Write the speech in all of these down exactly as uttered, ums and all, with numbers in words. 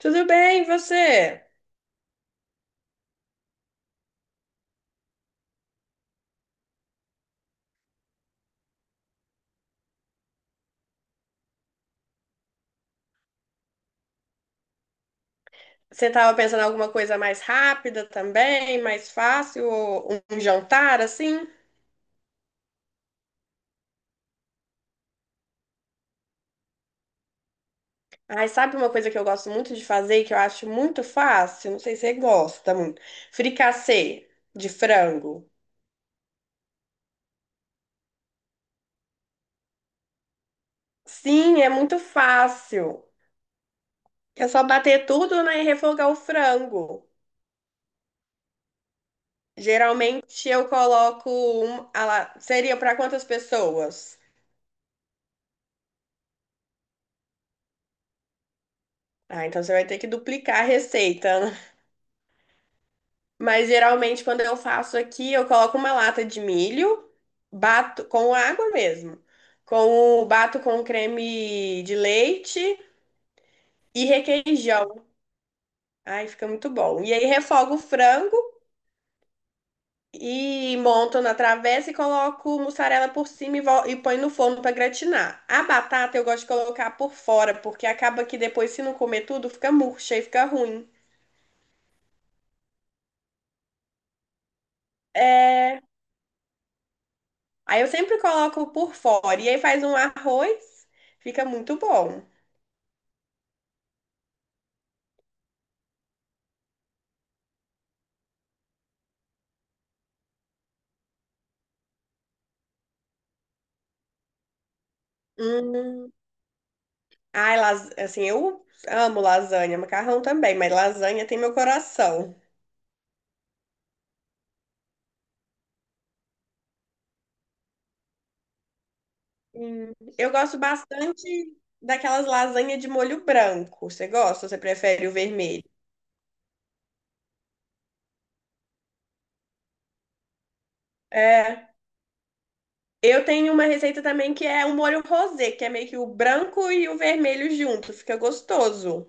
Tudo bem, e você? Você estava pensando em alguma coisa mais rápida também, mais fácil, ou um jantar assim? Ai, sabe uma coisa que eu gosto muito de fazer, e que eu acho muito fácil? Não sei se você gosta muito. Fricassê de frango. Sim, é muito fácil. É só bater tudo, né, e refogar o frango. Geralmente eu coloco um, ah lá, seria para quantas pessoas? Ah, então você vai ter que duplicar a receita, né? Mas geralmente quando eu faço aqui, eu coloco uma lata de milho, bato com água mesmo, com o bato com creme de leite e requeijão. Ai, fica muito bom. E aí refogo o frango e monto na travessa e coloco mussarela por cima e, vol- e põe no forno para gratinar. A batata eu gosto de colocar por fora, porque acaba que depois se não comer tudo, fica murcha e fica ruim. É. Aí eu sempre coloco por fora e aí faz um arroz, fica muito bom. Hum. Ai, las... assim, eu amo lasanha, macarrão também, mas lasanha tem meu coração. Hum. Eu gosto bastante daquelas lasanhas de molho branco. Você gosta ou você prefere o vermelho? É. Eu tenho uma receita também que é o molho rosé, que é meio que o branco e o vermelho junto, fica gostoso.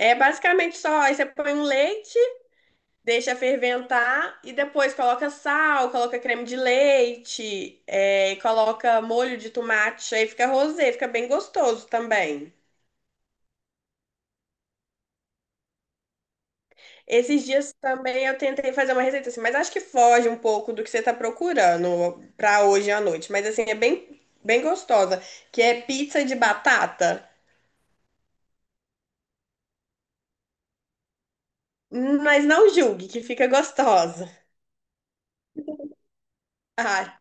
É basicamente só, aí você põe um leite, deixa ferventar e depois coloca sal, coloca creme de leite, é, e coloca molho de tomate, aí fica rosé, fica bem gostoso também. Esses dias também eu tentei fazer uma receita assim, mas acho que foge um pouco do que você tá procurando pra hoje à noite. Mas assim, é bem, bem gostosa, que é pizza de batata, mas não julgue que fica gostosa. Ah,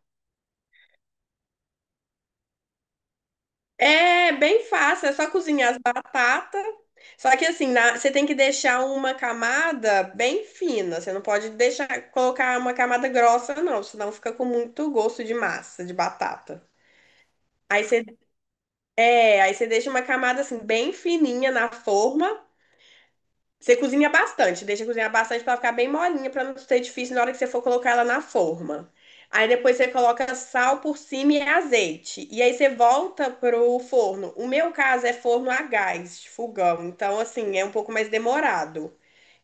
é bem fácil, é só cozinhar as batatas. Só que assim, na- você tem que deixar uma camada bem fina. Você não pode deixar colocar uma camada grossa, não, senão fica com muito gosto de massa, de batata. Aí você, é, aí você deixa uma camada assim bem fininha na forma. Você cozinha bastante, deixa cozinhar bastante para ficar bem molinha, para não ser difícil na hora que você for colocar ela na forma. Aí depois você coloca sal por cima e azeite. E aí você volta pro forno. O meu caso é forno a gás, fogão. Então, assim, é um pouco mais demorado.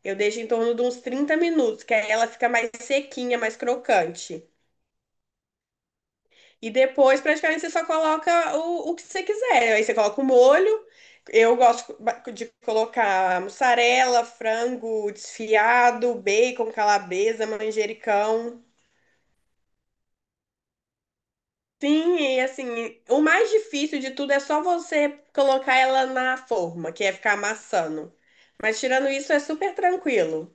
Eu deixo em torno de uns trinta minutos, que aí ela fica mais sequinha, mais crocante. E depois, praticamente, você só coloca o, o que você quiser. Aí você coloca o molho. Eu gosto de colocar mussarela, frango desfiado, bacon, calabresa, manjericão. Sim, e assim, o mais difícil de tudo é só você colocar ela na forma, que é ficar amassando. Mas tirando isso, é super tranquilo.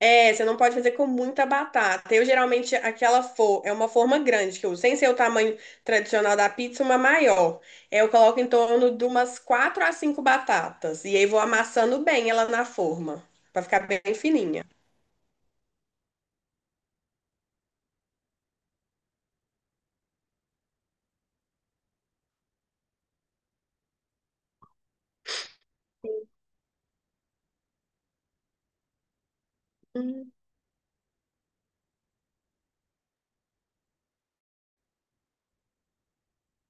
É, você não pode fazer com muita batata. Eu geralmente aquela for é uma forma grande que eu uso, sem ser o tamanho tradicional da pizza, uma maior. É, eu coloco em torno de umas quatro a cinco batatas e aí vou amassando bem ela na forma, pra ficar bem fininha. Hum.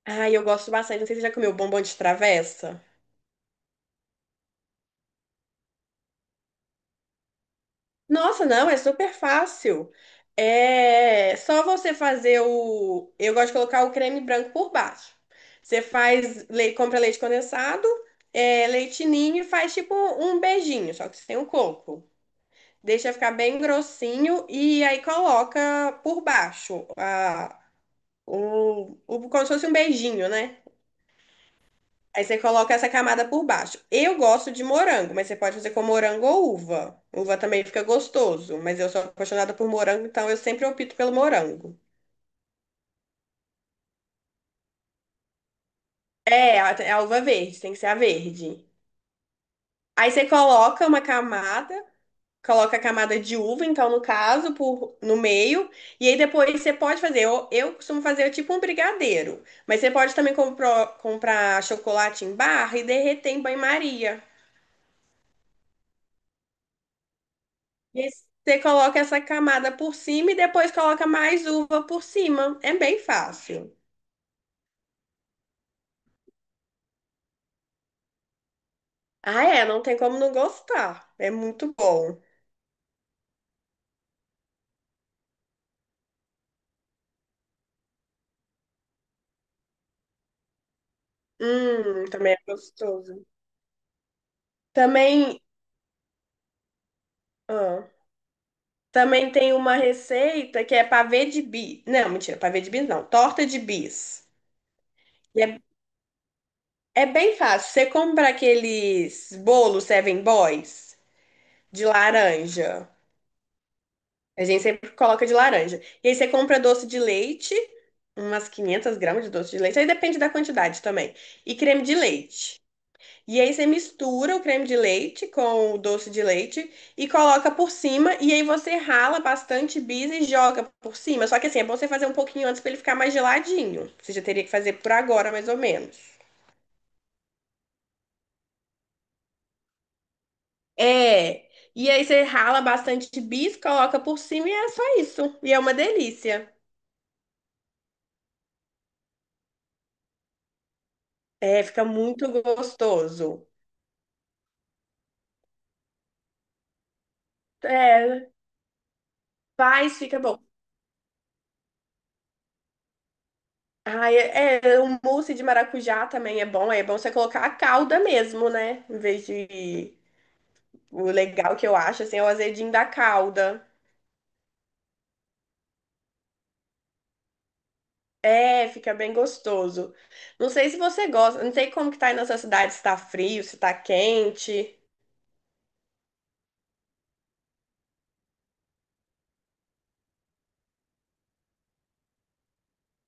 Ai, eu gosto bastante. Não sei se você já comeu bombom de travessa. Nossa, não, é super fácil. É só você fazer o. Eu gosto de colocar o creme branco por baixo. Você faz, le- compra leite condensado, é, leite ninho e faz tipo um beijinho, só que sem o coco. Deixa ficar bem grossinho e aí coloca por baixo a, o, o, como se fosse um beijinho, né? Aí você coloca essa camada por baixo. Eu gosto de morango, mas você pode fazer com morango ou uva. Uva também fica gostoso, mas eu sou apaixonada por morango, então eu sempre opto pelo morango. É, a, é a uva verde, tem que ser a verde. Aí você coloca uma camada, coloca a camada de uva, então no caso, por, no meio, e aí depois você pode fazer. Eu, eu costumo fazer é tipo um brigadeiro, mas você pode também compro- comprar chocolate em barra e derreter em banho-maria. E aí você coloca essa camada por cima e depois coloca mais uva por cima. É bem fácil. Ah, é, não tem como não gostar. É muito bom. Hum, também é gostoso. Também. Ah, também tem uma receita que é pavê de bis. Não, mentira, pavê de bis não. Torta de bis. E é, é bem fácil. Você compra aqueles bolos Seven Boys de laranja. A gente sempre coloca de laranja. E aí você compra doce de leite, umas 500 gramas de doce de leite, aí depende da quantidade também. E creme de leite. E aí você mistura o creme de leite com o doce de leite e coloca por cima. E aí você rala bastante bis e joga por cima. Só que assim, é bom você fazer um pouquinho antes para ele ficar mais geladinho. Você já teria que fazer por agora, mais ou menos. É. E aí você rala bastante bis, coloca por cima e é só isso. E é uma delícia. É, fica muito gostoso. É, faz, fica bom. Ai, é, é, o mousse de maracujá também é bom. É bom você colocar a calda mesmo, né? Em vez de... O legal que eu acho, assim, é o azedinho da calda. É, fica bem gostoso. Não sei se você gosta. Não sei como que tá aí na sua cidade, se tá frio, se tá quente.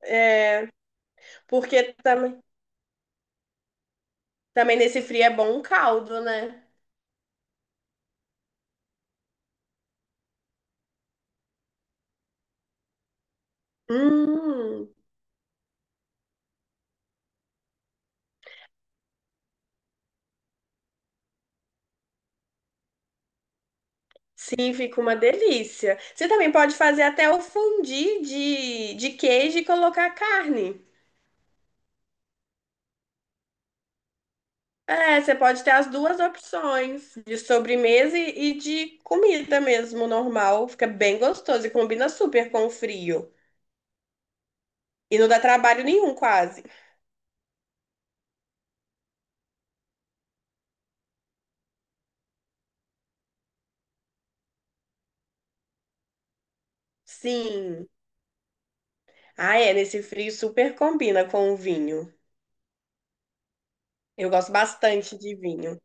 É, porque também, também nesse frio é bom um caldo, né? Hum. Sim, fica uma delícia. Você também pode fazer até o fondue de, de queijo e colocar carne. É, você pode ter as duas opções, de sobremesa e, e de comida mesmo, normal. Fica bem gostoso e combina super com o frio. E não dá trabalho nenhum, quase. Sim. Ah, é, nesse frio super combina com o vinho. Eu gosto bastante de vinho.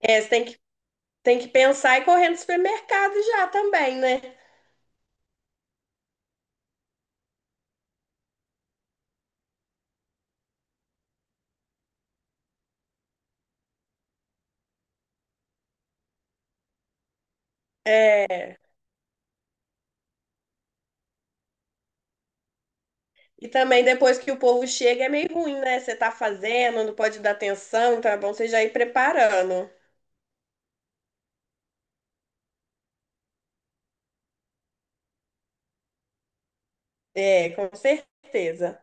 É, você tem que, tem que pensar e correr no supermercado já também, né? E também depois que o povo chega é meio ruim, né? Você tá fazendo, não pode dar atenção, então é bom você já ir preparando. É, com certeza.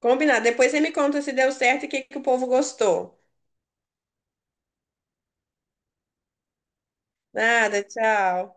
Combinado. Depois você me conta se deu certo e o que que o povo gostou. Nada, tchau.